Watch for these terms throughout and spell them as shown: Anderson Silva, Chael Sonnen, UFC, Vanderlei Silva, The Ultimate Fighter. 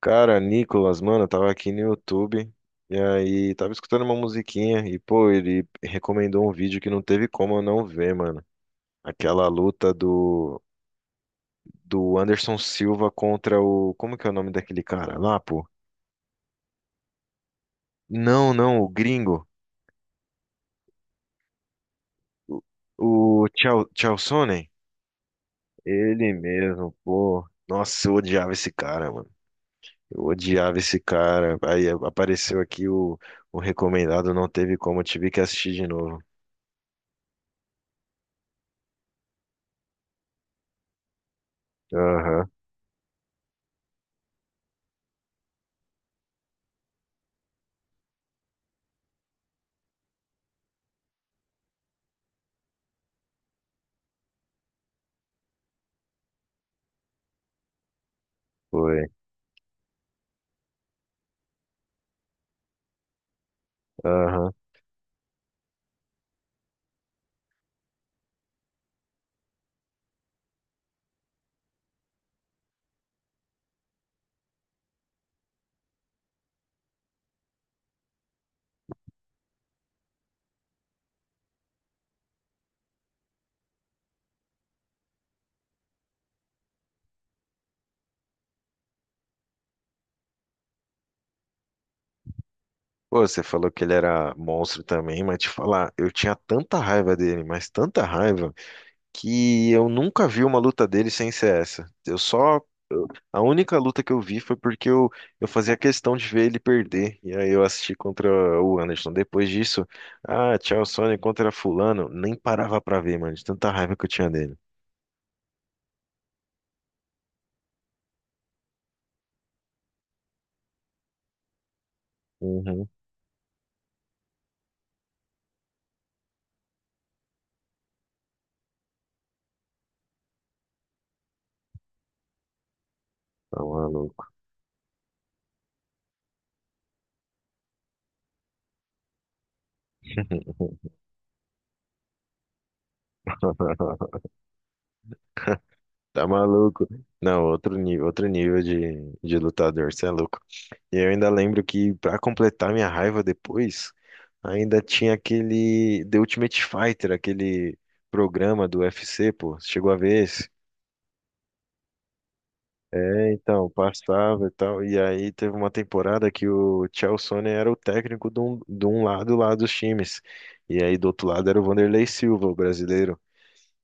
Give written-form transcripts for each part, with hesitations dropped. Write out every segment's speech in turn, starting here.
Cara, Nicolas, mano, eu tava aqui no YouTube e aí tava escutando uma musiquinha e, pô, ele recomendou um vídeo que não teve como eu não ver, mano. Aquela luta do Anderson Silva contra o. Como que é o nome daquele cara lá, pô? Não, não, o gringo. O, o Chael- Chaelsonnen? Ele mesmo, pô. Nossa, eu odiava esse cara, mano. Eu odiava esse cara. Aí apareceu aqui o recomendado, não teve como, eu tive que assistir de novo. Aham, foi. Aham. Pô, você falou que ele era monstro também, mas te falar, eu tinha tanta raiva dele, mas tanta raiva, que eu nunca vi uma luta dele sem ser essa. Eu- a única luta que eu vi foi porque eu fazia questão de ver ele perder. E aí eu assisti contra o Anderson. Depois disso, ah, tchau, Sony contra Fulano. Nem parava pra ver, mano, de tanta raiva que eu tinha dele. Uhum. Tá maluco. Tá maluco. Não, outro nível de lutador, você é louco. E eu ainda lembro que, pra completar minha raiva depois, ainda tinha aquele The Ultimate Fighter, aquele programa do UFC, pô. Você chegou a ver esse? É, então, passava e tal. E aí teve uma temporada que o Chael Sonnen era o técnico de um lado lá dos times. E aí do outro lado era o Vanderlei Silva, o brasileiro.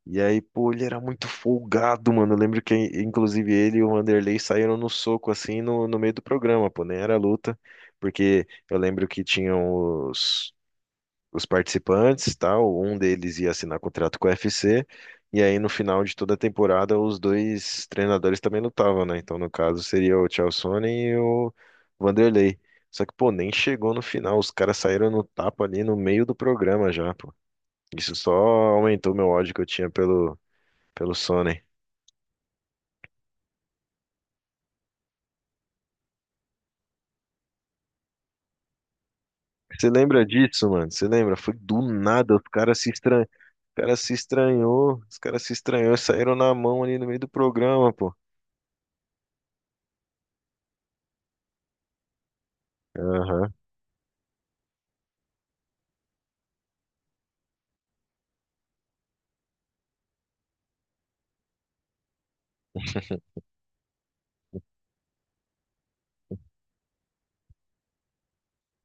E aí, pô, ele era muito folgado, mano. Eu lembro que, inclusive, ele e o Vanderlei saíram no soco, assim, no meio do programa, pô, nem era luta. Porque eu lembro que tinham os participantes, tal. Um deles ia assinar contrato com o UFC. E aí, no final de toda a temporada, os dois treinadores também lutavam, né? Então, no caso, seria o Chaelsone e o Vanderlei. Só que, pô, nem chegou no final. Os caras saíram no tapa ali no meio do programa já, pô. Isso só aumentou meu ódio que eu tinha pelo Sony. Você lembra disso, mano? Você lembra? Foi do nada, os caras se estran... o cara se estranhou, os caras se estranhou, e saíram na mão ali no meio do programa, pô. Aham.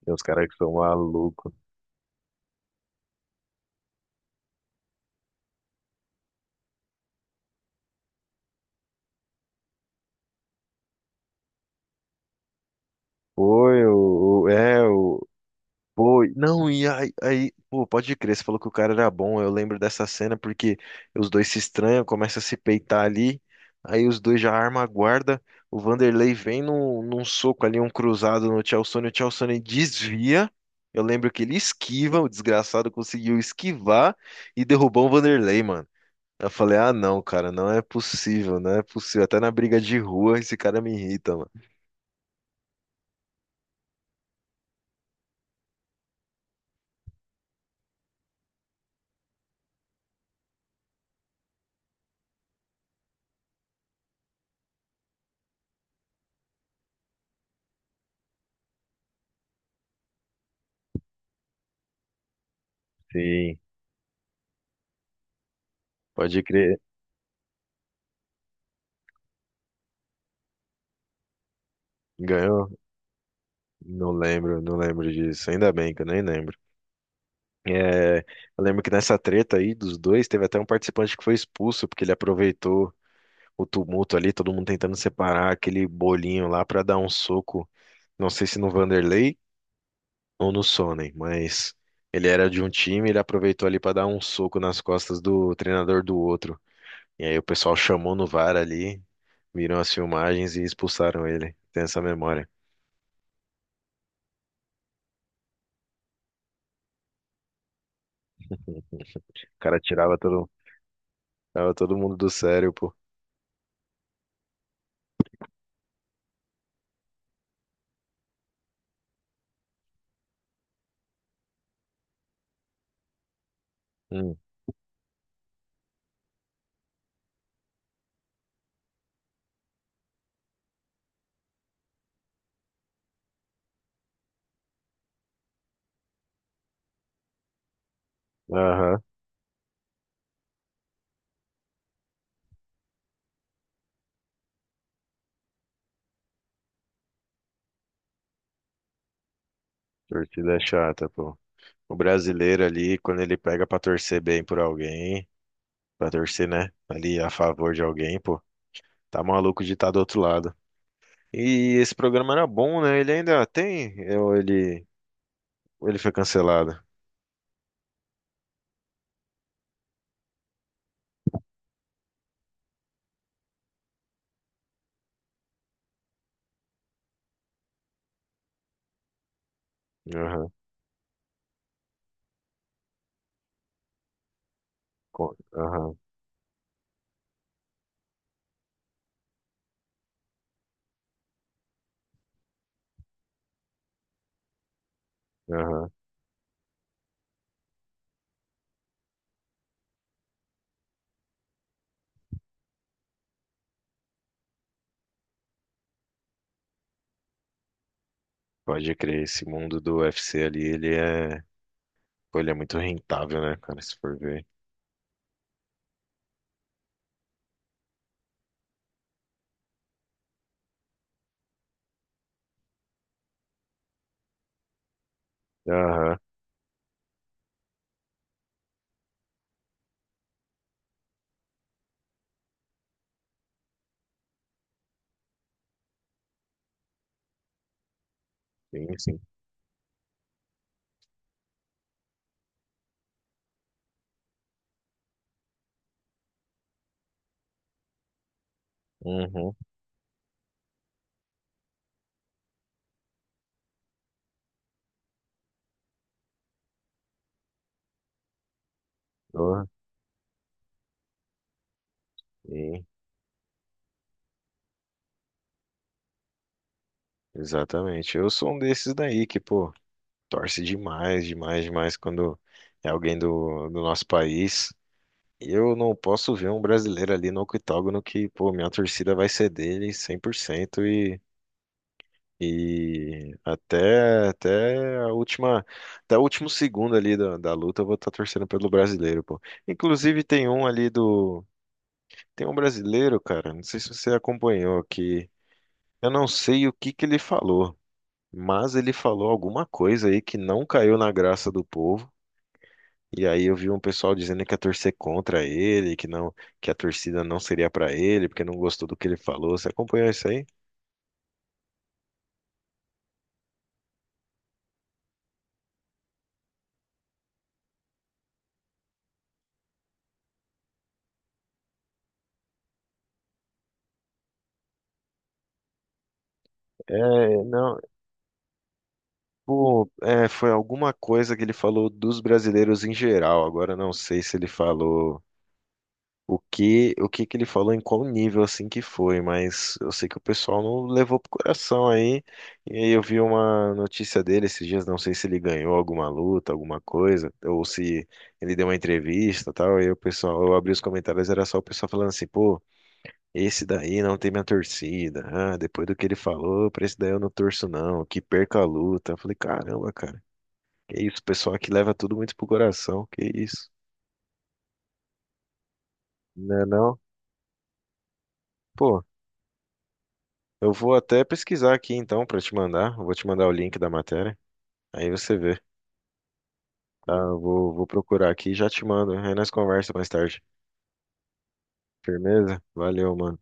Tem uns caras que são malucos. Foi, o- é, o, Foi. Não, e aí, aí, pô, pode crer, você falou que o cara era bom. Eu lembro dessa cena porque os dois se estranham, começam a se peitar ali. Aí os dois já armam a guarda. O Vanderlei vem num soco ali, um cruzado no Tchalsone. O Tchalsone desvia. Eu lembro que ele esquiva, o desgraçado conseguiu esquivar e derrubou o Vanderlei, mano. Eu falei, ah, não, cara, não é possível, não é possível. Até na briga de rua esse cara me irrita, mano. Sim, pode crer. Ganhou. Não lembro, não lembro disso. Ainda bem que eu nem lembro. É, eu lembro que nessa treta aí dos dois, teve até um participante que foi expulso, porque ele aproveitou o tumulto ali, todo mundo tentando separar aquele bolinho lá pra dar um soco. Não sei se no Vanderlei ou no Sonnen, mas ele era de um time, ele aproveitou ali pra dar um soco nas costas do treinador do outro. E aí o pessoal chamou no VAR ali, viram as filmagens e expulsaram ele. Tem essa memória. O cara tirava todo, Tirava todo mundo do sério, pô. Hum. Aham. Torcida é chata, pô. O brasileiro ali, quando ele pega pra torcer bem por alguém, pra torcer, né, ali a favor de alguém, pô, tá maluco de estar do outro lado. E esse programa era bom, né? Ele ainda tem, ou ele foi cancelado? Aham, co- aham, aham. Pode crer, esse mundo do UFC ali, ele é, pô, ele é muito rentável, né, cara, se for ver. Aham, sim, sim. Uhum. Oh, sim, exatamente. Eu sou um desses daí que, pô, torce demais, demais, demais quando é alguém do nosso país. Eu não posso ver um brasileiro ali no octógono que, pô, minha torcida vai ser dele 100% e até, até o último segundo ali da luta eu vou estar torcendo pelo brasileiro, pô. Inclusive tem um ali do, Tem um brasileiro, cara, não sei se você acompanhou, que eu não sei o que que ele falou. Mas ele falou alguma coisa aí que não caiu na graça do povo. E aí eu vi um pessoal dizendo que ia torcer contra ele, que não, que a torcida não seria pra ele, porque não gostou do que ele falou. Você acompanhou isso aí? É, não, pô, é, Foi alguma coisa que ele falou dos brasileiros em geral. Agora eu não sei se ele falou o que que ele falou, em qual nível assim que foi, mas eu sei que o pessoal não levou pro coração aí. E aí eu vi uma notícia dele esses dias, não sei se ele ganhou alguma luta, alguma coisa, ou se ele deu uma entrevista, e tal. E aí o pessoal, eu abri os comentários, era só o pessoal falando assim, pô, esse daí não tem minha torcida. Ah, depois do que ele falou, pra esse daí eu não torço não, que perca a luta. Eu falei, caramba, cara. Que isso, o pessoal que leva tudo muito pro coração, que isso, né não? Pô, eu vou até pesquisar aqui então para te mandar. Eu vou te mandar o link da matéria. Aí você vê, tá? Eu vou, vou procurar aqui e já te mando. Aí nós conversa mais tarde. Firmeza? Valeu, mano.